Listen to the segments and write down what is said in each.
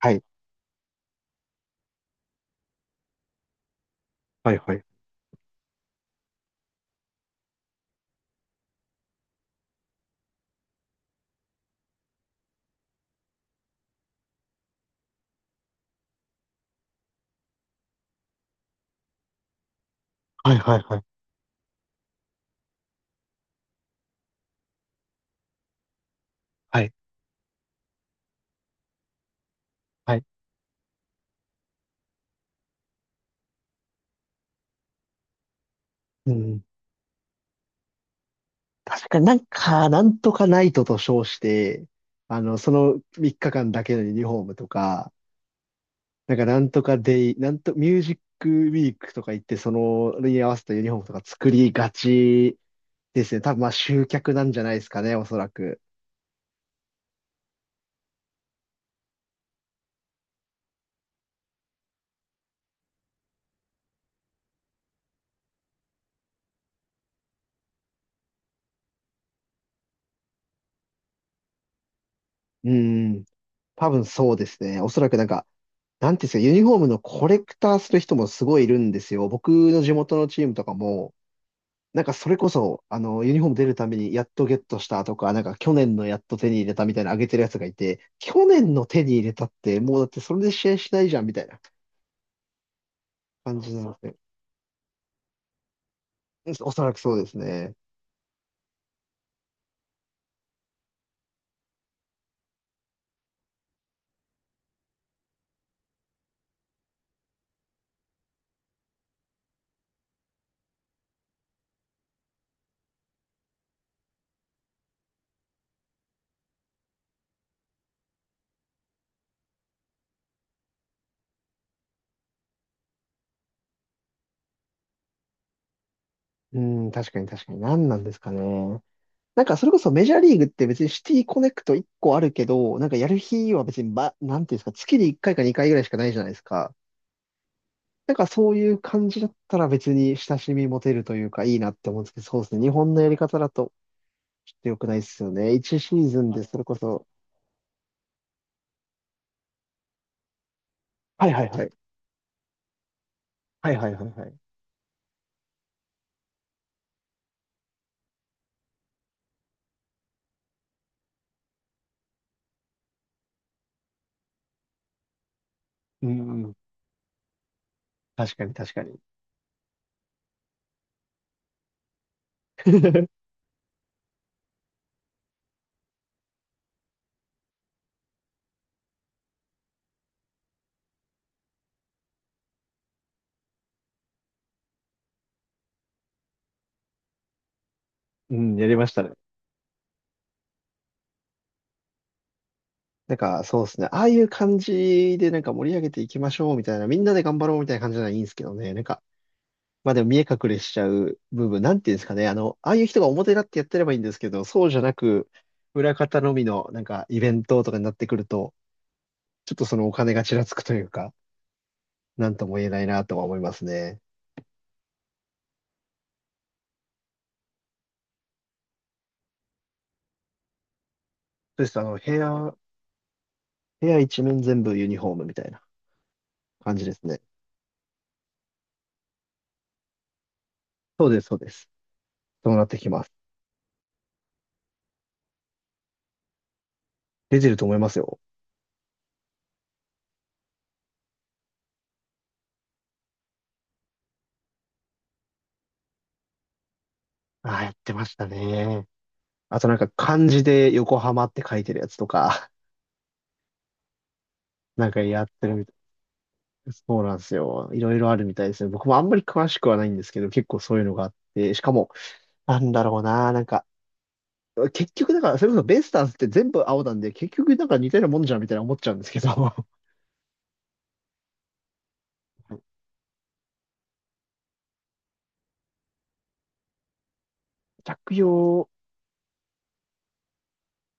はい。はいはい。はいはいはい。はい。はい。うん。確かになんとかナイトと称して、その3日間だけのユニフォームとか、なんかなんとかデイ、なんと、ミュージックウィークとか言って、合わせたユニフォームとか作りがちですね。多分まあ集客なんじゃないですかね、おそらく。うん。多分そうですね。おそらくなんか、なんていうんですか、ユニフォームのコレクターする人もすごいいるんですよ。僕の地元のチームとかも、なんかそれこそ、あの、ユニフォーム出るためにやっとゲットしたとか、なんか去年のやっと手に入れたみたいな上げてるやつがいて、去年の手に入れたって、もうだってそれで試合しないじゃんみたいな感じなので。うん、おそらくそうですね。うん、確かに確かに。何なんですかね。なんかそれこそメジャーリーグって別にシティコネクト1個あるけど、なんかやる日は別に、ま、なんていうんですか、月に1回か2回ぐらいしかないじゃないですか。なんかそういう感じだったら別に親しみ持てるというかいいなって思うんですけど、そうですね。日本のやり方だとちょっと良くないっすよね。1シーズンでそれこそ、はいはいはい。はいはいはいはい。うんうん。確かに確かに。うん、やりましたね。なんか、そうですね。ああいう感じでなんか盛り上げていきましょうみたいな、みんなで頑張ろうみたいな感じならいいんですけどね。なんか、まあでも見え隠れしちゃう部分、なんていうんですかね。あの、ああいう人が表立ってやってればいいんですけど、そうじゃなく、裏方のみのなんかイベントとかになってくると、ちょっとそのお金がちらつくというか、なんとも言えないなとは思いますね。そうです。部屋一面全部ユニフォームみたいな感じですね。そうです、そうです。そうなってきます。出てると思いますよ。ああ、やってましたね。あとなんか漢字で横浜って書いてるやつとか、なんかやってるみたい。そうなんですよ。いろいろあるみたいですね。僕もあんまり詳しくはないんですけど、結構そういうのがあって、しかも、なんだろうな、なんか、結局だから、それこそベイスターズって全部青なんで、結局なんか似たようなもんじゃんみたいな思っちゃうんですけど、着用、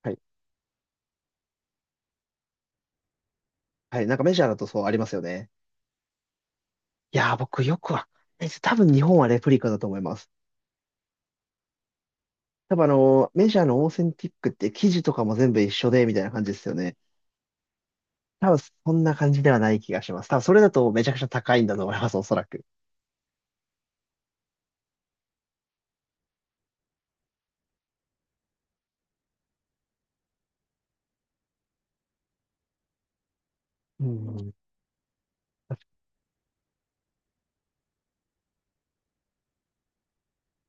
はい、はい、なんかメジャーだとそうありますよね。いやー、僕よくわかんないです。多分日本はレプリカだと思います。多分あの、メジャーのオーセンティックって生地とかも全部一緒で、みたいな感じですよね。多分そんな感じではない気がします。多分それだとめちゃくちゃ高いんだと思います、おそらく。うん。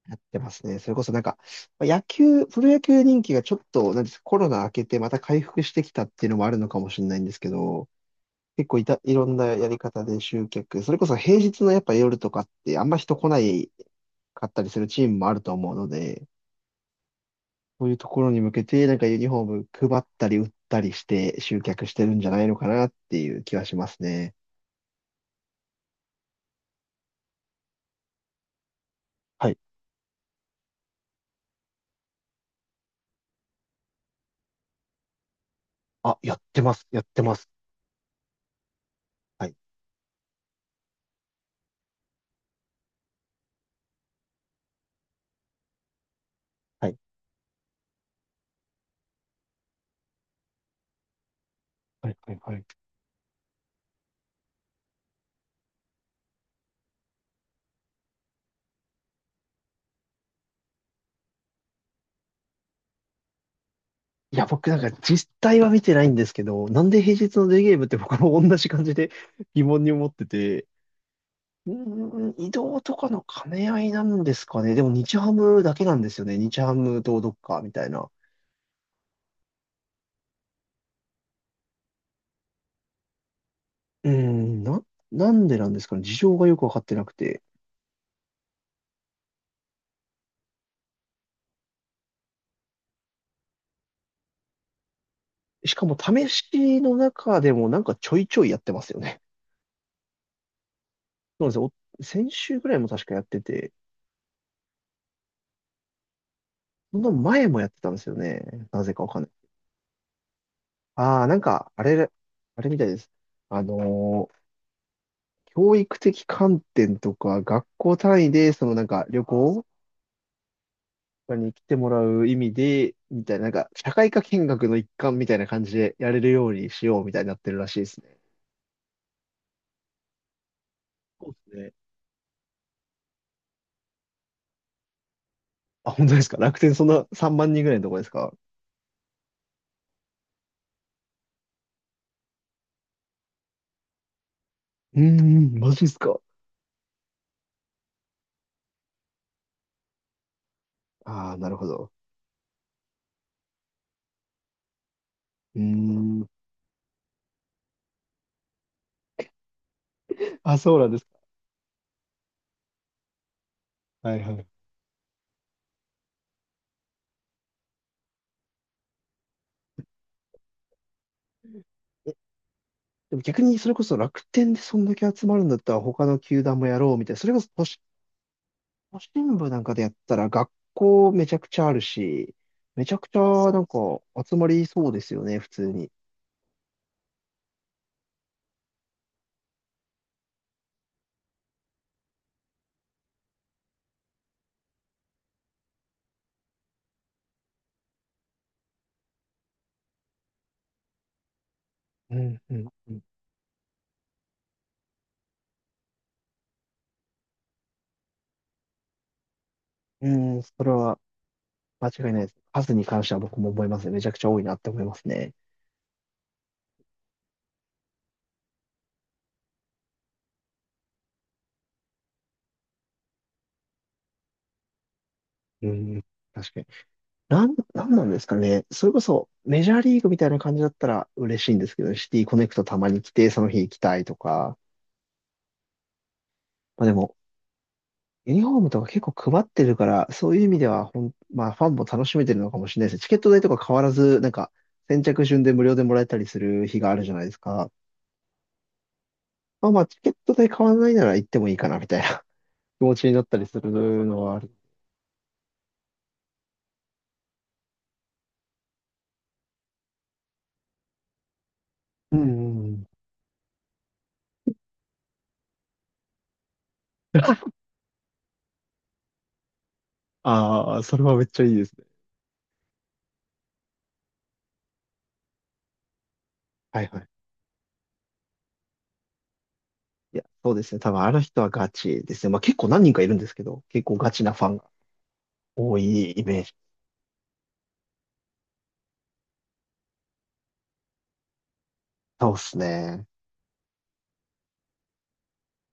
やってますね。それこそなんか、まあ野球、プロ野球人気がちょっと、なんですか、コロナ明けてまた回復してきたっていうのもあるのかもしれないんですけど、結構いた、いろんなやり方で集客、それこそ平日のやっぱ夜とかってあんま人来ないかったりするチームもあると思うので、そういうところに向けて、なんかユニフォーム配ったり売ったりして集客してるんじゃないのかなっていう気はしますね。はい。あ、やってます。やってます。はい。はい。はい。はい。はい。いや、僕なんか実態は見てないんですけど、なんで平日のデーゲームって僕も同じ感じで 疑問に思ってて、うーん、移動とかの兼ね合いなんですかね。でも日ハムだけなんですよね。日ハムとどっかみたいな。うーん、なんでなんですかね。事情がよくわかってなくて。しかも試しの中でもなんかちょいちょいやってますよね。そうなんですよ。お先週ぐらいも確かやってて、その前もやってたんですよね。なぜかわかんない。ああ、なんか、あれ、あれみたいです。あのー教育的観点とか、学校単位で、そのなんか旅行に来てもらう意味で、みたいな、なんか、社会科見学の一環みたいな感じでやれるようにしようみたいになってるらしいですね。そうですね。あ、本当ですか？楽天そんな3万人ぐらいのとこですか？うーん、マジですか？ああ、なるほど。うーん。あ、そうなんですか。はいはい。え、でも逆にそれこそ楽天でそんだけ集まるんだったら他の球団もやろうみたいな。それこそ都市、都心部なんかでやったら学校めちゃくちゃあるし、めちゃくちゃなんか集まりそうですよね、普通に。うん、うん、うん。うん、それは間違いないです。数に関しては僕も思いますね。めちゃくちゃ多いなって思いますね。うん、確かに。なんなんですかね。それこそ、メジャーリーグみたいな感じだったら嬉しいんですけどね、シティコネクトたまに来て、その日行きたいとか。まあでも、ユニフォームとか結構配ってるから、そういう意味ではほん、まあファンも楽しめてるのかもしれないですね。チケット代とか変わらず、なんか、先着順で無料でもらえたりする日があるじゃないですか。まあまあ、チケット代変わらないなら行ってもいいかな、みたいな 気持ちになったりするのはある。うんうんうん。ああ、それはめっちゃいいですね。はいはい。いや、そうですね。多分あの人はガチですね。まあ結構何人かいるんですけど、結構ガチなファンが多いイメージ。そうですね。